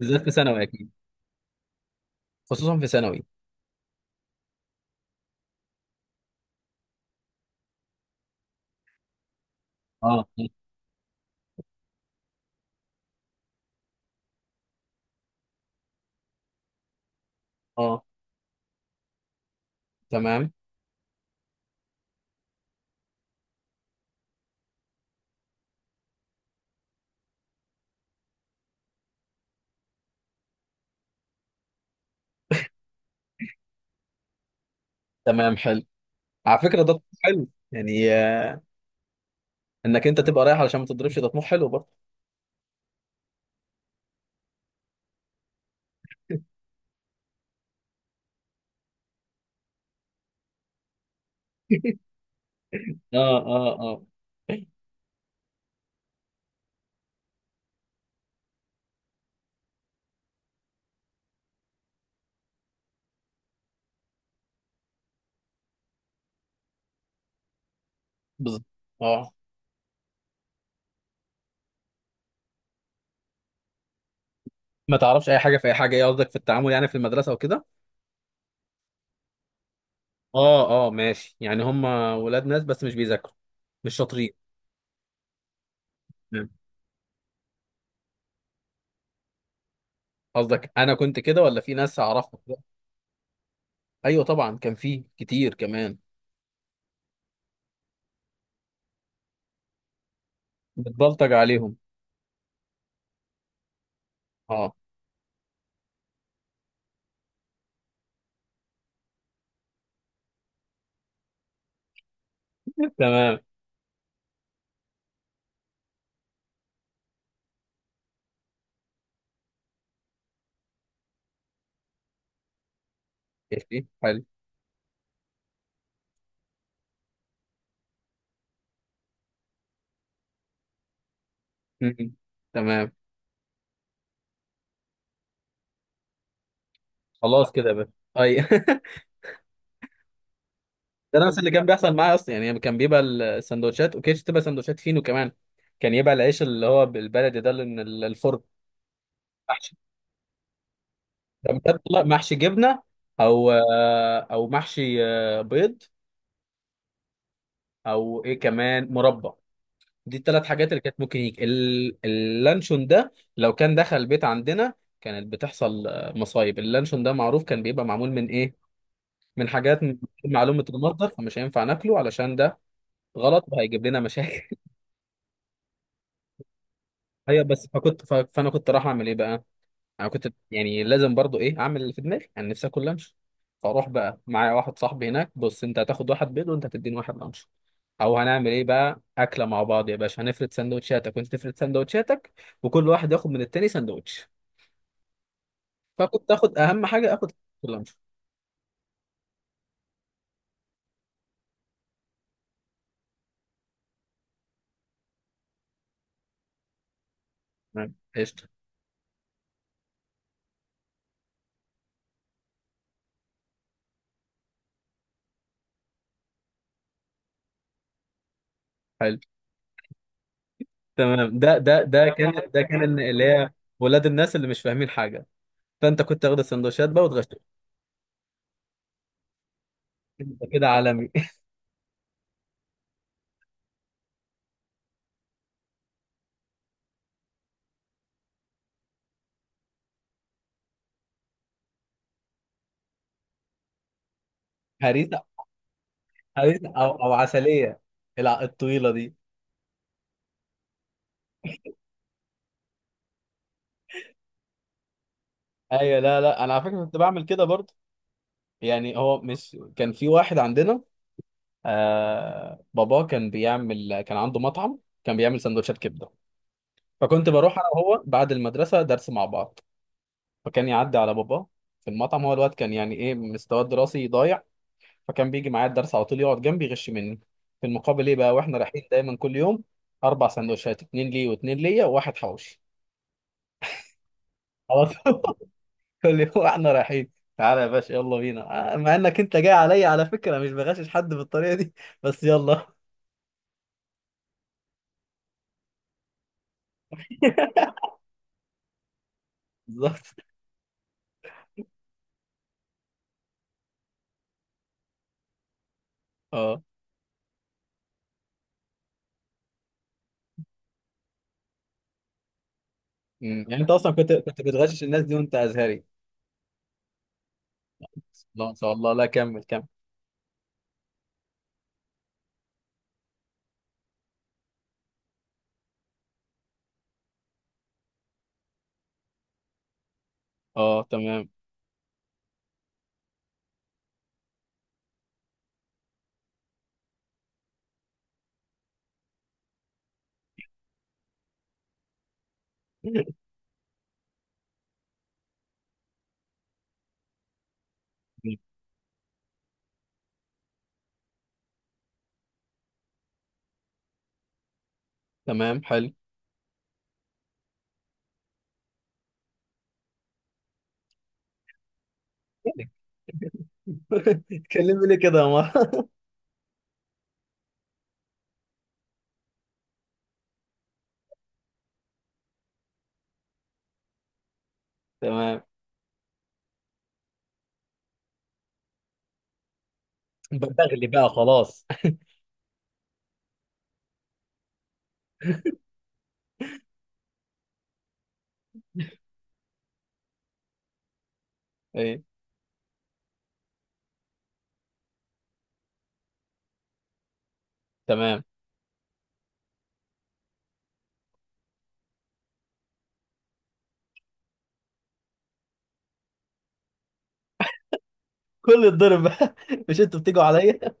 بالذات في ثانوي اكيد. خصوصا في ثانوي. اه اه. تمام. تمام حلو، على فكره ده طموح حلو يعني، انك انت تبقى رايح علشان ما تضربش، ده طموح حلو برضه. اه اه اه. بالظبط. اه، ما تعرفش اي حاجه في اي حاجه. ايه قصدك، في التعامل يعني في المدرسه وكده؟ اه اه، ماشي، يعني هم ولاد ناس بس مش بيذاكروا، مش شاطرين. تمام. قصدك انا كنت كده ولا في ناس اعرفها كده؟ ايوه طبعا، كان في كتير كمان. بتبلطج عليهم. اه. تمام. ماشي حلو. م. تمام. خلاص كده يا باشا. اي ده نفس اللي كان بيحصل معايا اصلا، يعني كان بيبقى السندوتشات، وكانتش تبقى سندوتشات فينو كمان. كان يبقى العيش اللي هو بالبلدي ده، اللي من الفرن. محشي. كان بيطلع محشي جبنه، او او محشي بيض، او ايه كمان، مربى. دي الثلاث حاجات اللي كانت ممكن يجي. اللانشون ده لو كان دخل البيت عندنا كانت بتحصل مصايب. اللانشون ده معروف كان بيبقى معمول من ايه، من حاجات من معلومة المصدر، فمش هينفع ناكله، علشان ده غلط وهيجيب لنا مشاكل. ايوه، بس فكنت فانا كنت راح اعمل ايه بقى؟ انا كنت يعني لازم برضو ايه، اعمل اللي في دماغي، انا نفسي اكل لانش. فاروح بقى معايا واحد صاحبي هناك، بص انت هتاخد واحد بيض وانت هتديني واحد لانش، او هنعمل ايه بقى، اكله مع بعض يا باشا، هنفرد سندوتشاتك وانت تفرد سندوتشاتك، وكل واحد ياخد من التاني سندوتش. فكنت اخد اهم حاجه، اخد اللانش. تمام قشطه. حلو. تمام. ده كان اللي هي ولاد الناس اللي مش فاهمين حاجه. فانت كنت تاخد السندوتشات بقى وتغش؟ انت كده عالمي. هريس. او او عسليه، الطويله دي. ايوه، لا لا انا على فكره كنت بعمل كده برضه. يعني هو مش كان في واحد عندنا، باباه كان بيعمل، كان عنده مطعم، كان بيعمل سندوتشات كبده. فكنت بروح انا وهو بعد المدرسه درس مع بعض، فكان يعدي على باباه في المطعم. هو الوقت كان يعني ايه، مستواه الدراسي ضايع. فكان بيجي معايا الدرس على طول، يقعد جنبي يغش مني. في المقابل ايه بقى، واحنا رايحين دايما كل يوم، اربع سندوتشات، اتنين ليه واتنين ليا وواحد حوشي. على طول. اللي هو احنا رايحين، تعالى يا باشا يلا بينا، مع انك انت جاي عليا، على فكره مش بغشش حد بالطريقه دي، بس يلا بالظبط. اه. أمم. يعني انت اصلا كنت بتغشش الناس دي وانت ازهري؟ لا ما شاء الله، لا كمل كمل. اه تمام. تمام حلو. تكلمني ليه كده يا مره؟ تمام. بغلي بقى، خلاص. ايه. تمام. كل الضرب بقى. مش انتوا بتيجوا عليا؟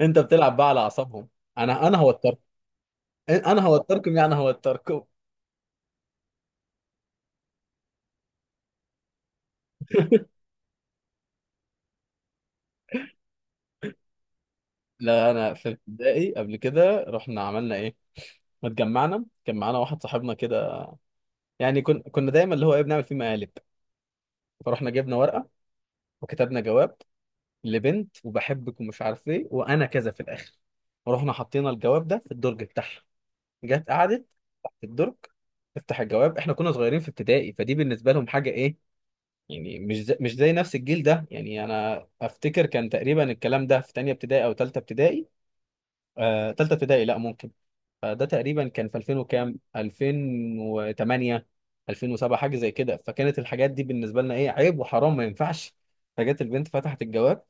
انت بتلعب بقى على اعصابهم. انا هوتركم. انا هوتركم، يعني هوتركم. لا، انا في ابتدائي قبل كده رحنا عملنا ايه، ما اتجمعنا، كان معانا واحد صاحبنا كده، يعني كنا دايما اللي هو ايه، بنعمل فيه مقالب. فرحنا جبنا ورقه، وكتبنا جواب لبنت، وبحبك ومش عارف ايه وانا كذا في الاخر، ورحنا حطينا الجواب ده في الدرج بتاعها. جت قعدت تحت الدرج، تفتح الجواب. احنا كنا صغيرين في ابتدائي، فدي بالنسبه لهم حاجه ايه يعني، مش زي نفس الجيل ده، يعني انا افتكر كان تقريبا الكلام ده في تانية ابتدائي او تالتة ابتدائي، تالتة ابتدائي لا ممكن. فده تقريبا كان في 2000 وكام، 2008، 2007، حاجه زي كده. فكانت الحاجات دي بالنسبه لنا ايه، عيب وحرام ما ينفعش. فجت البنت، فتحت الجواب،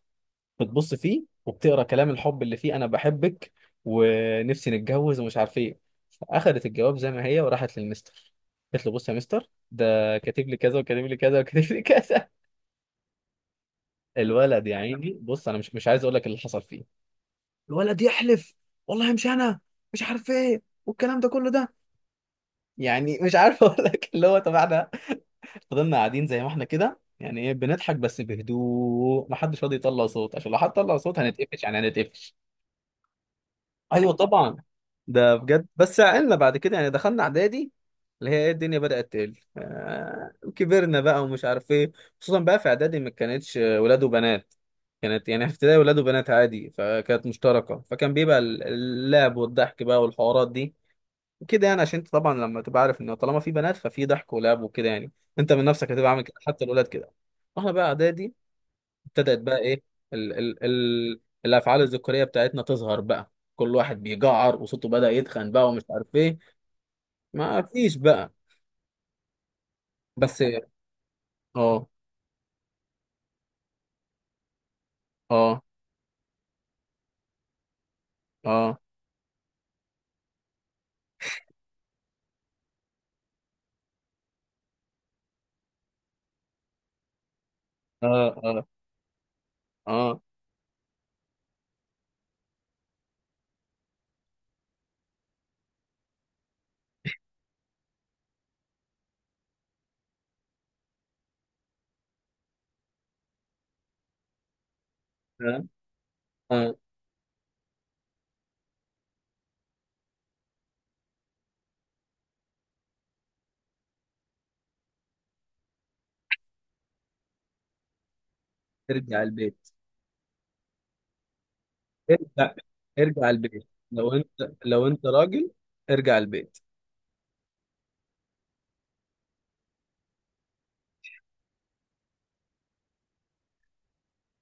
بتبص فيه وبتقرا كلام الحب اللي فيه، انا بحبك ونفسي نتجوز ومش عارف ايه. فاخدت الجواب زي ما هي وراحت للمستر، قالت له بص يا مستر، ده كاتب لي كذا وكاتب لي كذا وكاتب لي كذا. الولد يا عيني، بص انا مش عايز اقول لك اللي حصل فيه. الولد يحلف، والله مش انا، مش عارف ايه والكلام ده كله ده. يعني مش عارف اقول لك اللي هو، طب احنا فضلنا قاعدين زي ما احنا كده، يعني ايه، بنضحك بس بهدوء، ما حدش راضي يطلع صوت، عشان لو حد طلع صوت هنتقفش، يعني هنتقفش. ايوه طبعا. ده بجد. بس عقلنا بعد كده يعني، دخلنا اعدادي، اللي هي ايه، الدنيا بدأت تقل، آه كبرنا بقى ومش عارف ايه. خصوصا بقى في اعدادي، ما كانتش ولاد وبنات. كانت يعني في ابتدائي ولاد وبنات عادي، فكانت مشتركة، فكان بيبقى اللعب والضحك بقى والحوارات دي كده يعني. عشان انت طبعا لما تبقى عارف ان طالما في بنات، ففي ضحك ولعب وكده يعني، انت من نفسك هتبقى عامل كده، حتى الاولاد كده. واحنا بقى اعدادي، ابتدت بقى ايه، ال الافعال الذكوريه بتاعتنا تظهر بقى، كل واحد بيجعر وصوته بدأ يتخن بقى ومش عارف ايه. ما فيش بقى. بس. اه اه اه اه اه اه اه اه. ارجع البيت. ارجع. ارجع البيت لو انت، لو انت راجل، ارجع البيت